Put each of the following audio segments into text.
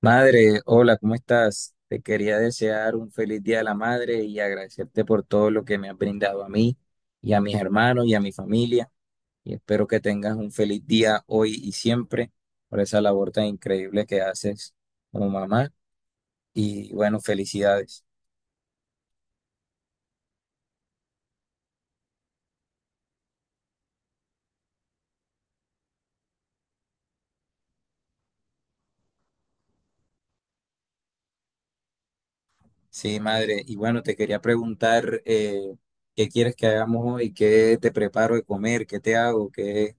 Madre, hola, ¿cómo estás? Te quería desear un feliz Día de la Madre y agradecerte por todo lo que me has brindado a mí y a mis hermanos y a mi familia. Y espero que tengas un feliz día hoy y siempre por esa labor tan increíble que haces como mamá. Y bueno, felicidades. Sí, madre. Y bueno, te quería preguntar qué quieres que hagamos hoy, qué te preparo de comer, qué te hago, qué,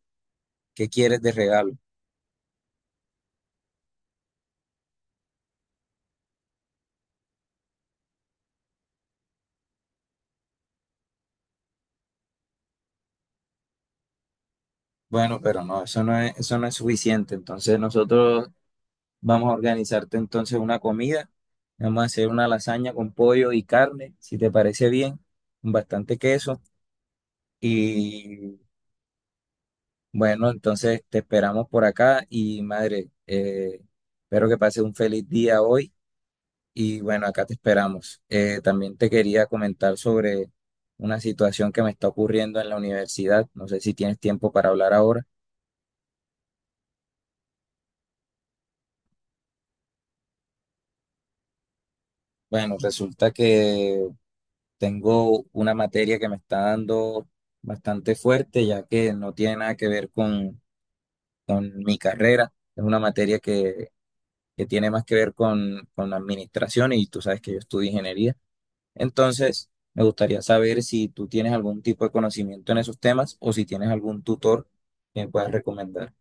qué quieres de regalo. Bueno, pero no, eso no es suficiente. Entonces nosotros vamos a organizarte entonces una comida. Vamos a hacer una lasaña con pollo y carne, si te parece bien, con bastante queso. Y bueno, entonces te esperamos por acá y madre, espero que pases un feliz día hoy. Y bueno, acá te esperamos. También te quería comentar sobre una situación que me está ocurriendo en la universidad. No sé si tienes tiempo para hablar ahora. Bueno, resulta que tengo una materia que me está dando bastante fuerte, ya que no tiene nada que ver con mi carrera. Es una materia que tiene más que ver con la administración y tú sabes que yo estudio ingeniería. Entonces, me gustaría saber si tú tienes algún tipo de conocimiento en esos temas o si tienes algún tutor que me puedas recomendar.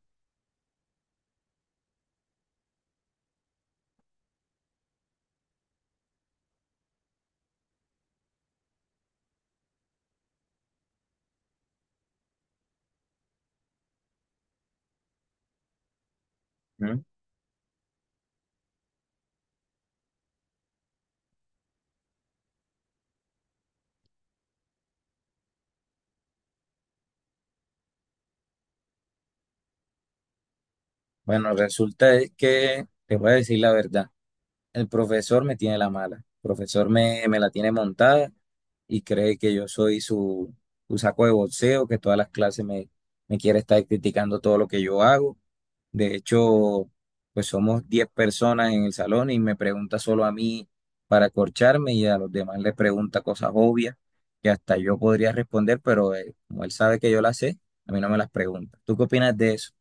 ¿Mm? Bueno, resulta es que te voy a decir la verdad. El profesor me tiene la mala. El profesor me la tiene montada y cree que yo soy su saco de boxeo, que todas las clases me quiere estar criticando todo lo que yo hago. De hecho, pues somos 10 personas en el salón y me pregunta solo a mí para acorcharme y a los demás le pregunta cosas obvias que hasta yo podría responder, pero como él sabe que yo las sé, a mí no me las pregunta. ¿Tú qué opinas de eso?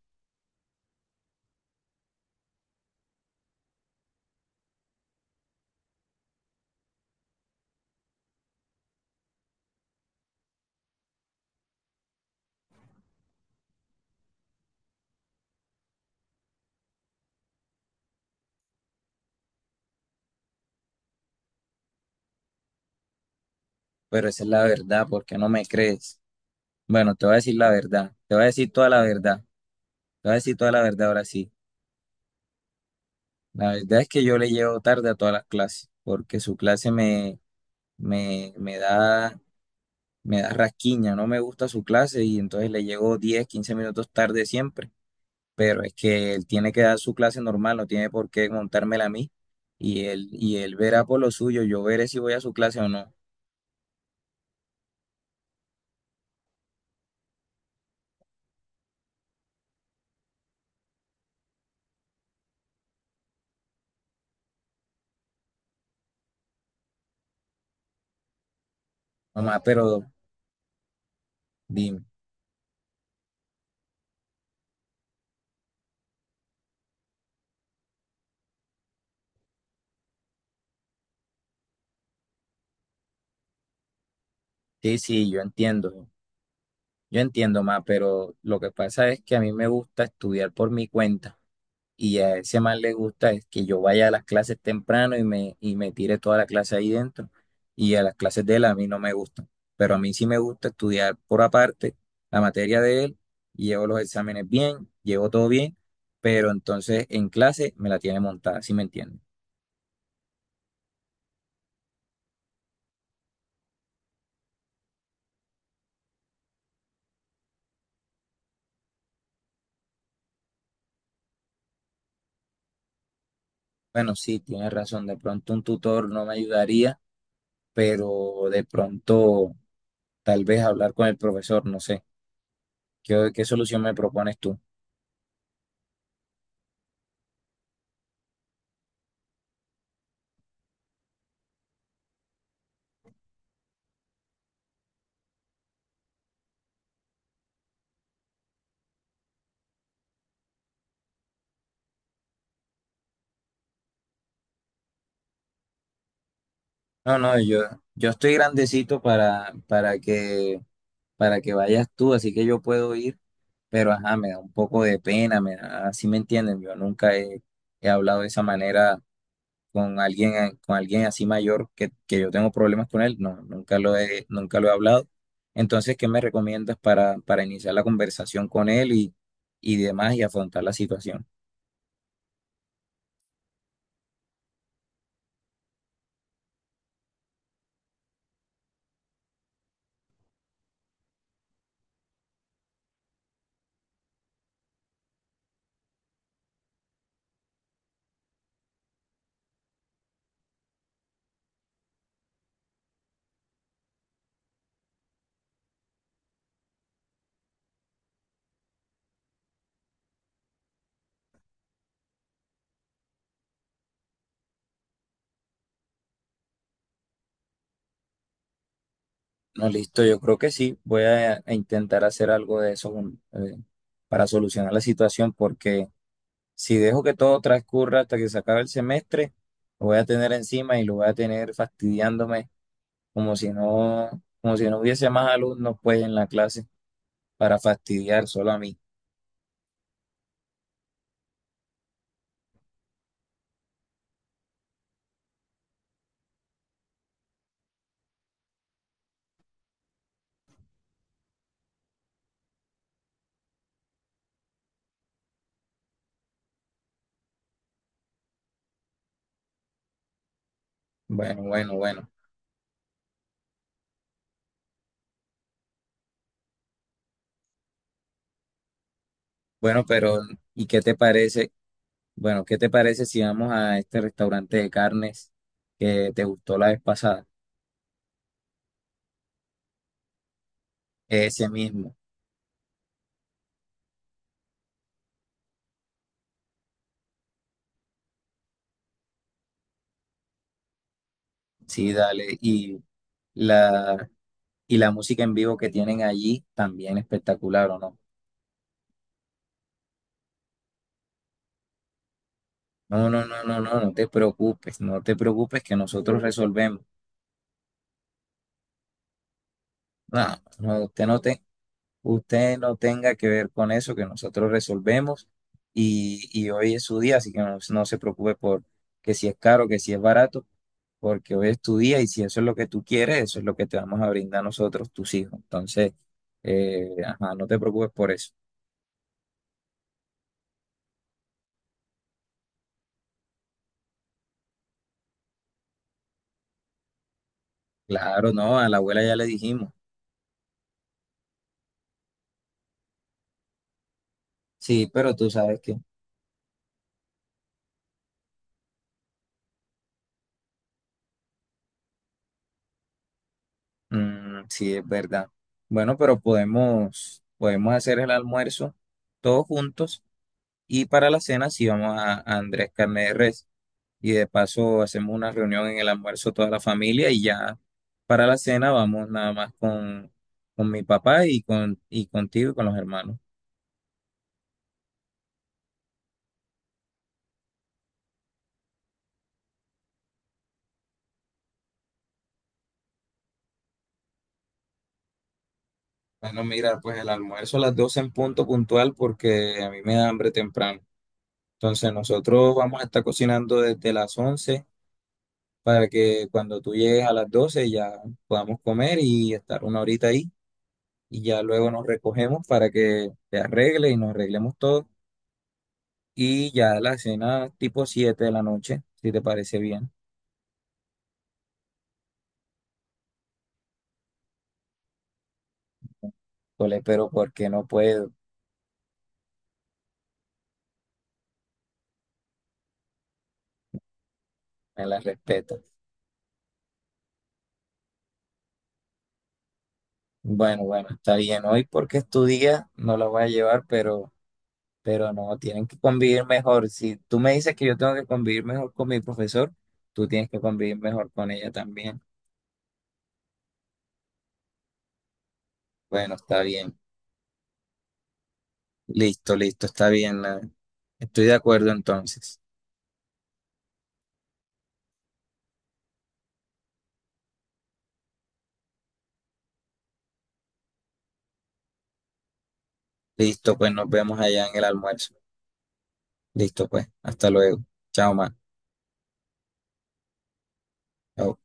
Pero esa es la verdad, ¿porque no me crees? Bueno, te voy a decir la verdad, te voy a decir toda la verdad. Te voy a decir toda la verdad ahora sí. La verdad es que yo le llevo tarde a todas las clases, porque su clase me, me da, me da rasquiña, no me gusta su clase y entonces le llego 10 15 minutos tarde siempre. Pero es que él tiene que dar su clase normal, no tiene por qué montármela a mí. Y él verá por lo suyo, yo veré si voy a su clase o no. Mamá, pero dime. Sí, sí, yo entiendo. Yo entiendo, mamá, pero lo que pasa es que a mí me gusta estudiar por mi cuenta. Y a ese man le gusta es que yo vaya a las clases temprano y me tire toda la clase ahí dentro. Y a las clases de él a mí no me gustan. Pero a mí sí me gusta estudiar por aparte la materia de él. Y llevo los exámenes bien, llevo todo bien. Pero entonces en clase me la tiene montada, ¿sí me entiende? Bueno, sí, tienes razón. De pronto un tutor no me ayudaría, pero de pronto tal vez hablar con el profesor, no sé. ¿Qué solución me propones tú? No, no, yo estoy grandecito para que vayas tú, así que yo puedo ir, pero ajá, me da un poco de pena, así me entienden, yo nunca he hablado de esa manera con alguien así mayor que yo tengo problemas con él, no, nunca lo he hablado. Entonces, ¿qué me recomiendas para iniciar la conversación con él y demás y afrontar la situación? No, listo, yo creo que sí. Voy a intentar hacer algo de eso para solucionar la situación, porque si dejo que todo transcurra hasta que se acabe el semestre, lo voy a tener encima y lo voy a tener fastidiándome como si no, como si no hubiese más alumnos pues en la clase para fastidiar solo a mí. Bueno, bueno, bueno. Bueno, pero ¿y qué te parece? Bueno, ¿qué te parece si vamos a este restaurante de carnes que te gustó la vez pasada? Ese mismo. Sí, dale. La, y la música en vivo que tienen allí también espectacular, ¿o no? No, no, no, no, no, no te preocupes, no te preocupes que nosotros resolvemos. No, no, usted no tenga que ver con eso, que nosotros resolvemos y hoy es su día, así que no, no se preocupe por que si es caro, que si es barato, porque hoy es tu día y si eso es lo que tú quieres, eso es lo que te vamos a brindar nosotros, tus hijos. Entonces, ajá, no te preocupes por eso. Claro, no, a la abuela ya le dijimos. Sí, pero tú sabes que sí es verdad. Bueno, pero podemos hacer el almuerzo todos juntos y para la cena sí vamos a Andrés Carne de Res y de paso hacemos una reunión en el almuerzo toda la familia y ya para la cena vamos nada más con mi papá y contigo y con los hermanos. Bueno, mira, pues el almuerzo a las 12 en punto puntual porque a mí me da hambre temprano. Entonces nosotros vamos a estar cocinando desde las 11. Para que cuando tú llegues a las 12 ya podamos comer y estar una horita ahí y ya luego nos recogemos para que te arregle y nos arreglemos todo y ya la cena tipo 7 de la noche, si te parece bien. Cole, pero porque no puedo, me la respeto. Bueno, bueno, está bien. Hoy porque es tu día, no la voy a llevar, pero no, tienen que convivir mejor. Si tú me dices que yo tengo que convivir mejor con mi profesor, tú tienes que convivir mejor con ella también. Bueno, está bien. Listo, listo, está bien. Estoy de acuerdo entonces. Listo, pues nos vemos allá en el almuerzo. Listo, pues, hasta luego. Chao, ma. Chao.